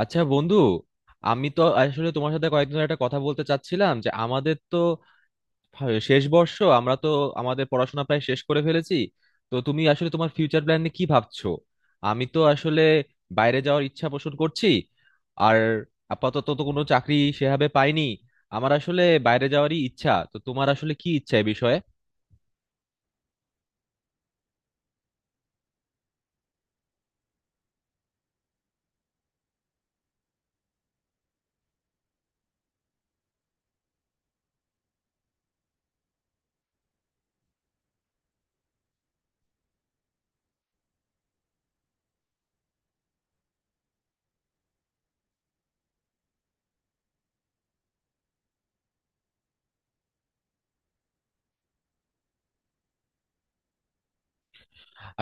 আচ্ছা বন্ধু, আমি তো আসলে তোমার সাথে কয়েকদিন ধরে একটা কথা বলতে চাচ্ছিলাম যে আমাদের তো শেষ বর্ষ, আমরা তো আমাদের পড়াশোনা প্রায় শেষ করে ফেলেছি। তো তুমি আসলে তোমার ফিউচার প্ল্যান নিয়ে কি ভাবছো? আমি তো আসলে বাইরে যাওয়ার ইচ্ছা পোষণ করছি। আর আপাতত তো কোনো চাকরি সেভাবে পাইনি। আমার আসলে বাইরে যাওয়ারই ইচ্ছা। তো তোমার আসলে কি ইচ্ছা এ বিষয়ে?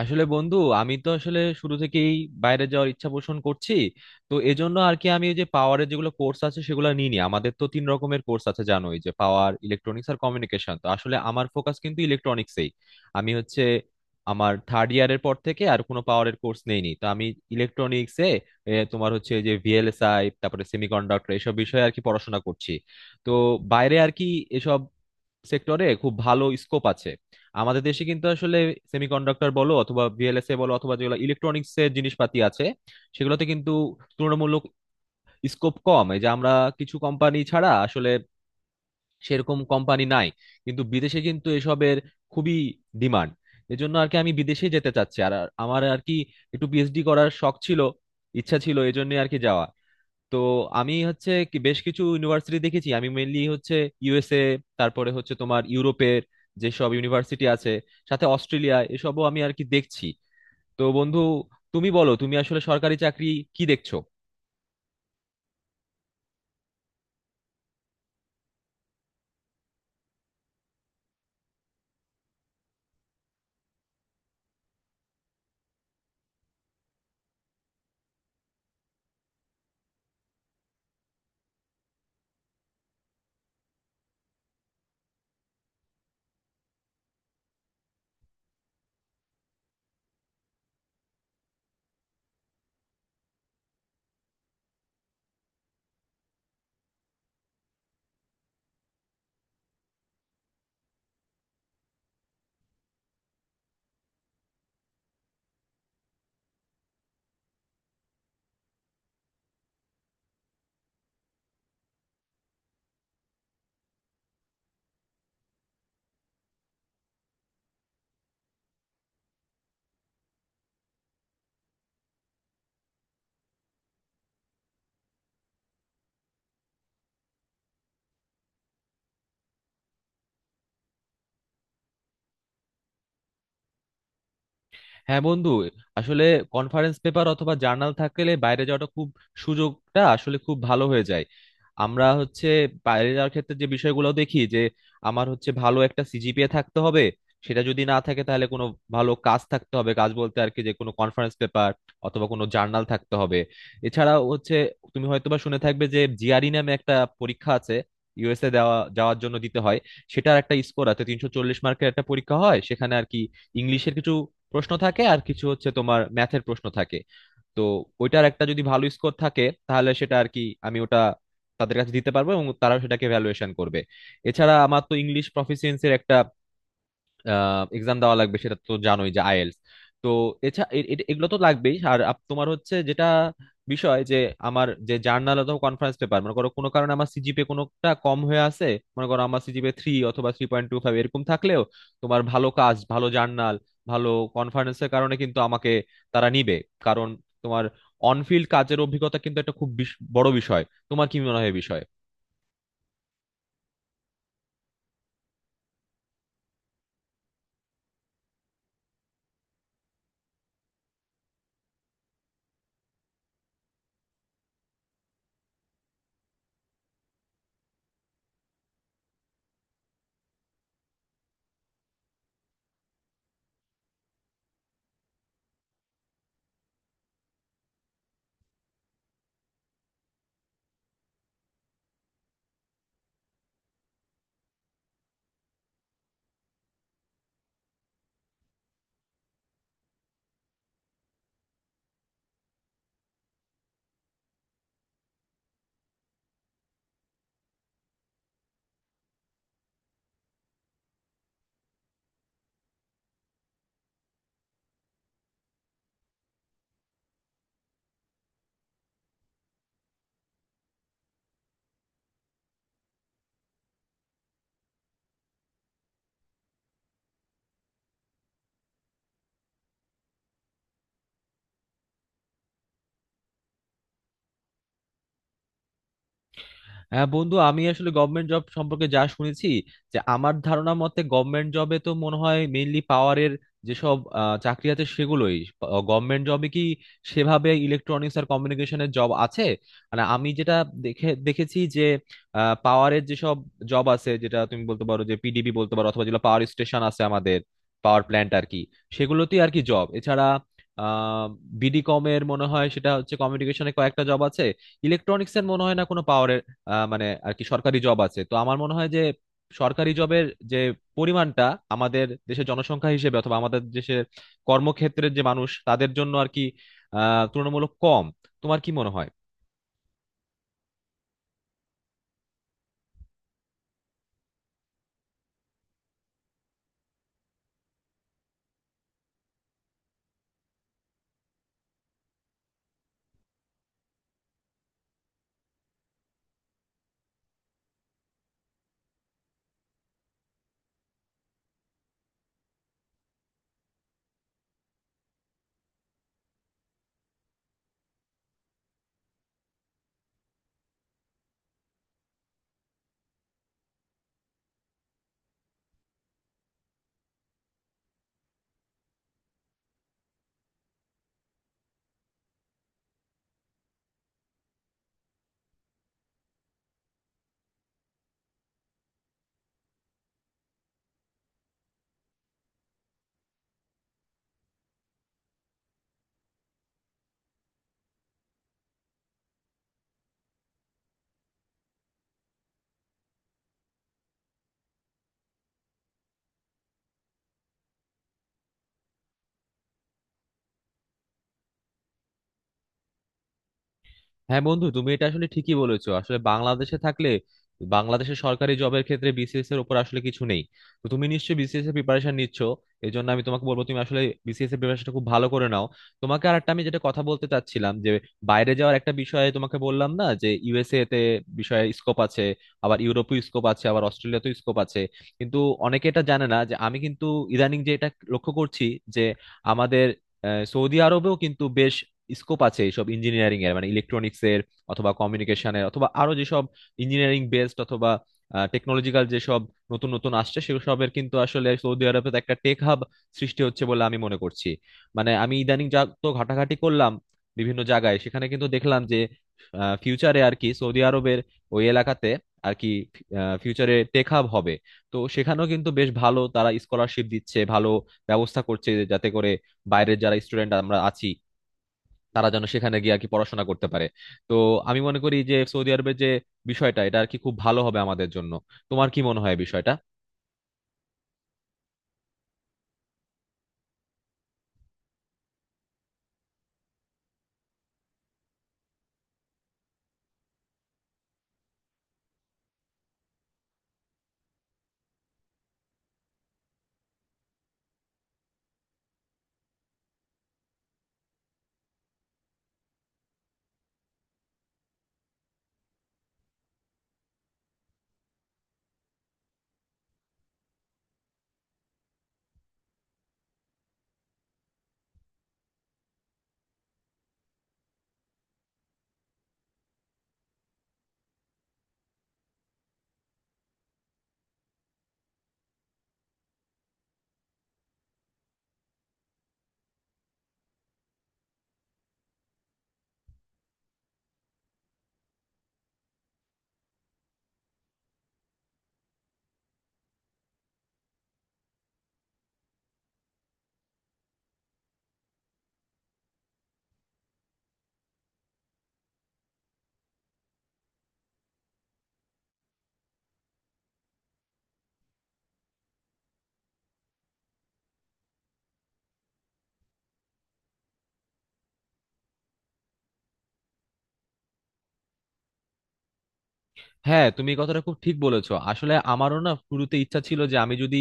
আসলে বন্ধু, আমি তো আসলে শুরু থেকেই বাইরে যাওয়ার ইচ্ছা পোষণ করছি। তো এজন্য আর কি আমি ওই যে পাওয়ারের যেগুলো কোর্স আছে সেগুলো নিই নি। আমাদের তো তিন রকমের কোর্স আছে জানোই, যে পাওয়ার, ইলেকট্রনিক্স আর কমিউনিকেশন। তো আসলে আমার ফোকাস কিন্তু ইলেকট্রনিক্সেই। আমি হচ্ছে আমার থার্ড ইয়ারের পর থেকে আর কোনো পাওয়ারের কোর্স নেইনি। তো আমি ইলেকট্রনিক্সে, তোমার হচ্ছে যে ভিএলএসআই, তারপরে সেমিকন্ডাক্টর, এসব বিষয়ে আর কি পড়াশোনা করছি। তো বাইরে আর কি এসব সেক্টরে খুব ভালো স্কোপ আছে। আমাদের দেশে কিন্তু আসলে সেমিকন্ডাক্টর বলো অথবা ভিএলএসএ বলো অথবা যেগুলো ইলেকট্রনিক্স এর জিনিসপাতি আছে সেগুলোতে কিন্তু তুলনামূলক স্কোপ কম। এই যে আমরা কিছু কোম্পানি ছাড়া আসলে সেরকম কোম্পানি নাই, কিন্তু বিদেশে কিন্তু এসবের খুবই ডিমান্ড। এজন্য আর কি আমি বিদেশে যেতে চাচ্ছি। আর আর আমার আর কি একটু পিএইচডি করার শখ ছিল, ইচ্ছা ছিল, এজন্য আর কি যাওয়া। তো আমি হচ্ছে কি বেশ কিছু ইউনিভার্সিটি দেখেছি। আমি মেইনলি হচ্ছে ইউএসএ, তারপরে হচ্ছে তোমার ইউরোপের যেসব ইউনিভার্সিটি আছে, সাথে অস্ট্রেলিয়া এসবও আমি আর কি দেখছি। তো বন্ধু, তুমি বলো তুমি আসলে সরকারি চাকরি কি দেখছো? হ্যাঁ বন্ধু, আসলে কনফারেন্স পেপার অথবা জার্নাল থাকলে বাইরে যাওয়াটা খুব, সুযোগটা আসলে খুব ভালো হয়ে যায়। আমরা হচ্ছে বাইরে যাওয়ার ক্ষেত্রে যে বিষয়গুলো দেখি যে আমার হচ্ছে ভালো একটা সিজিপিএ থাকতে হবে। সেটা যদি না থাকে তাহলে কোনো ভালো কাজ থাকতে হবে। কাজ বলতে আর কি যে কোনো কনফারেন্স পেপার অথবা কোনো জার্নাল থাকতে হবে। এছাড়াও হচ্ছে তুমি হয়তোবা শুনে থাকবে যে জিআরই নামে একটা পরীক্ষা আছে, ইউএসএ দেওয়া যাওয়ার জন্য দিতে হয়। সেটার একটা স্কোর আছে, 340 মার্কের একটা পরীক্ষা হয়, সেখানে আর কি ইংলিশের কিছু প্রশ্ন থাকে আর কিছু হচ্ছে তোমার ম্যাথের প্রশ্ন থাকে। তো ওইটার একটা যদি ভালো স্কোর থাকে তাহলে সেটা আর কি আমি ওটা তাদের কাছে দিতে পারবো এবং তারাও সেটাকে ভ্যালুয়েশন করবে। এছাড়া আমার তো ইংলিশ প্রফিসিয়েন্সির একটা এক্সাম দেওয়া লাগবে, সেটা তো জানোই, যে আইএলস। তো এছাড়া এগুলো তো লাগবেই। আর তোমার হচ্ছে যেটা বিষয় যে আমার যে জার্নাল অথবা কনফারেন্স পেপার, মনে করো কোনো কারণে আমার সিজিপিএ কোনোটা কম হয়ে আছে, মনে করো আমার সিজিপিএ 3 অথবা 3.25 এরকম থাকলেও তোমার ভালো কাজ, ভালো জার্নাল, ভালো কনফারেন্সের কারণে কিন্তু আমাকে তারা নিবে। কারণ তোমার অনফিল্ড কাজের অভিজ্ঞতা কিন্তু একটা খুব বড় বিষয়। তোমার কি মনে হয় এ বিষয়ে? হ্যাঁ বন্ধু, আমি আসলে গভর্নমেন্ট জব সম্পর্কে যা শুনেছি, যে আমার ধারণা মতে গভর্নমেন্ট জবে তো মনে হয় মেইনলি পাওয়ারের যেসব চাকরি আছে সেগুলোই। গভর্নমেন্ট জবে কি সেভাবে ইলেকট্রনিক্স আর কমিউনিকেশনের জব আছে? মানে আমি যেটা দেখে দেখেছি যে পাওয়ারের যেসব জব আছে যেটা তুমি বলতে পারো যে পিডিবি বলতে পারো, অথবা যেগুলো পাওয়ার স্টেশন আছে আমাদের, পাওয়ার প্ল্যান্ট আর কি সেগুলোতেই আর কি জব। এছাড়া আহ বিডি কমের মনে হয়, সেটা হচ্ছে কমিউনিকেশনে কয়েকটা জব আছে। ইলেকট্রনিক্স এর মনে হয় না কোনো পাওয়ারের মানে আর কি সরকারি জব আছে। তো আমার মনে হয় যে সরকারি জবের যে পরিমাণটা আমাদের দেশের জনসংখ্যা হিসেবে অথবা আমাদের দেশের কর্মক্ষেত্রের যে মানুষ তাদের জন্য আর কি তুলনামূলক কম। তোমার কি মনে হয়? হ্যাঁ বন্ধু, তুমি এটা আসলে ঠিকই বলেছো। আসলে বাংলাদেশে থাকলে বাংলাদেশের সরকারি জবের ক্ষেত্রে বিসিএস এর উপর আসলে কিছু নেই। তো তুমি নিশ্চয়ই বিসিএস এর প্রিপারেশন নিচ্ছ। এই জন্য আমি তোমাকে বলবো তুমি আসলে বিসিএস এর প্রিপারেশনটা খুব ভালো করে নাও। তোমাকে আর একটা আমি যেটা কথা বলতে চাচ্ছিলাম যে বাইরে যাওয়ার একটা বিষয়ে তোমাকে বললাম না যে ইউএসএ তে বিষয়ে স্কোপ আছে, আবার ইউরোপেও স্কোপ আছে, আবার অস্ট্রেলিয়াতেও স্কোপ আছে, কিন্তু অনেকে এটা জানে না যে আমি কিন্তু ইদানিং যে এটা লক্ষ্য করছি যে আমাদের সৌদি আরবেও কিন্তু বেশ স্কোপ আছে এইসব ইঞ্জিনিয়ারিং এর, মানে ইলেকট্রনিক্স এর অথবা কমিউনিকেশনের অথবা আরো যেসব ইঞ্জিনিয়ারিং বেসড অথবা টেকনোলজিক্যাল যেসব নতুন নতুন আসছে সেসবের। কিন্তু আসলে সৌদি আরবে তো একটা টেক হাব সৃষ্টি হচ্ছে বলে আমি মনে করছি। মানে আমি ইদানিং যা তো ঘাটাঘাটি করলাম বিভিন্ন জায়গায় সেখানে কিন্তু দেখলাম যে ফিউচারে আর কি সৌদি আরবের ওই এলাকাতে আর কি ফিউচারে টেক হাব হবে। তো সেখানেও কিন্তু বেশ ভালো তারা স্কলারশিপ দিচ্ছে, ভালো ব্যবস্থা করছে, যাতে করে বাইরের যারা স্টুডেন্ট আমরা আছি তারা যেন সেখানে গিয়ে আর কি পড়াশোনা করতে পারে। তো আমি মনে করি যে সৌদি আরবের যে বিষয়টা, এটা আর কি খুব ভালো হবে আমাদের জন্য। তোমার কি মনে হয় এই বিষয়টা? হ্যাঁ তুমি এই কথাটা খুব ঠিক বলেছো। আসলে আমারও না শুরুতে ইচ্ছা ছিল যে আমি যদি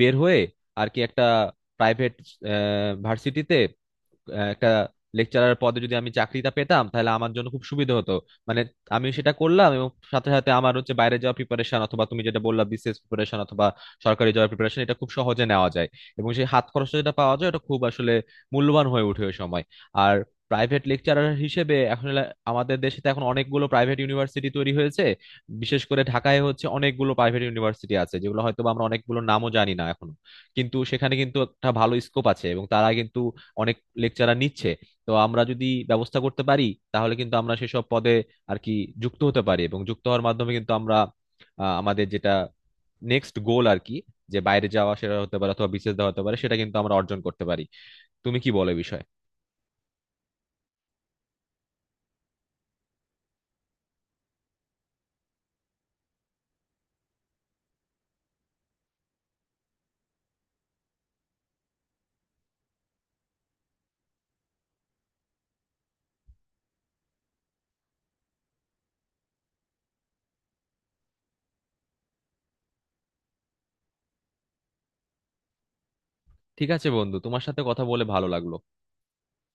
বের হয়ে আর কি একটা প্রাইভেট ভার্সিটিতে একটা লেকচারার পদে যদি আমি চাকরিটা পেতাম তাহলে আমার জন্য খুব সুবিধা হতো। মানে আমি সেটা করলাম এবং সাথে সাথে আমার হচ্ছে বাইরে যাওয়া প্রিপারেশন অথবা তুমি যেটা বললা বিসিএস প্রিপারেশন অথবা সরকারি জব প্রিপারেশন, এটা খুব সহজে নেওয়া যায়। এবং সেই হাত খরচটা যেটা পাওয়া যায় এটা খুব আসলে মূল্যবান হয়ে ওঠে ওই সময়। আর প্রাইভেট লেকচারার হিসেবে এখন আমাদের দেশে তো এখন অনেকগুলো প্রাইভেট ইউনিভার্সিটি তৈরি হয়েছে। বিশেষ করে ঢাকায় হচ্ছে অনেকগুলো প্রাইভেট ইউনিভার্সিটি আছে যেগুলো হয়তো বা আমরা অনেকগুলো নামও জানি না এখনো, কিন্তু সেখানে কিন্তু একটা ভালো স্কোপ আছে এবং তারা কিন্তু অনেক লেকচারার নিচ্ছে। তো আমরা যদি ব্যবস্থা করতে পারি তাহলে কিন্তু আমরা সেসব পদে আর কি যুক্ত হতে পারি। এবং যুক্ত হওয়ার মাধ্যমে কিন্তু আমরা আমাদের যেটা নেক্সট গোল আর কি, যে বাইরে যাওয়া সেটা হতে পারে অথবা বিসিএস দেওয়া হতে পারে, সেটা কিন্তু আমরা অর্জন করতে পারি। তুমি কি বলো এ বিষয়ে? ঠিক আছে বন্ধু, তোমার সাথে কথা বলে ভালো লাগলো।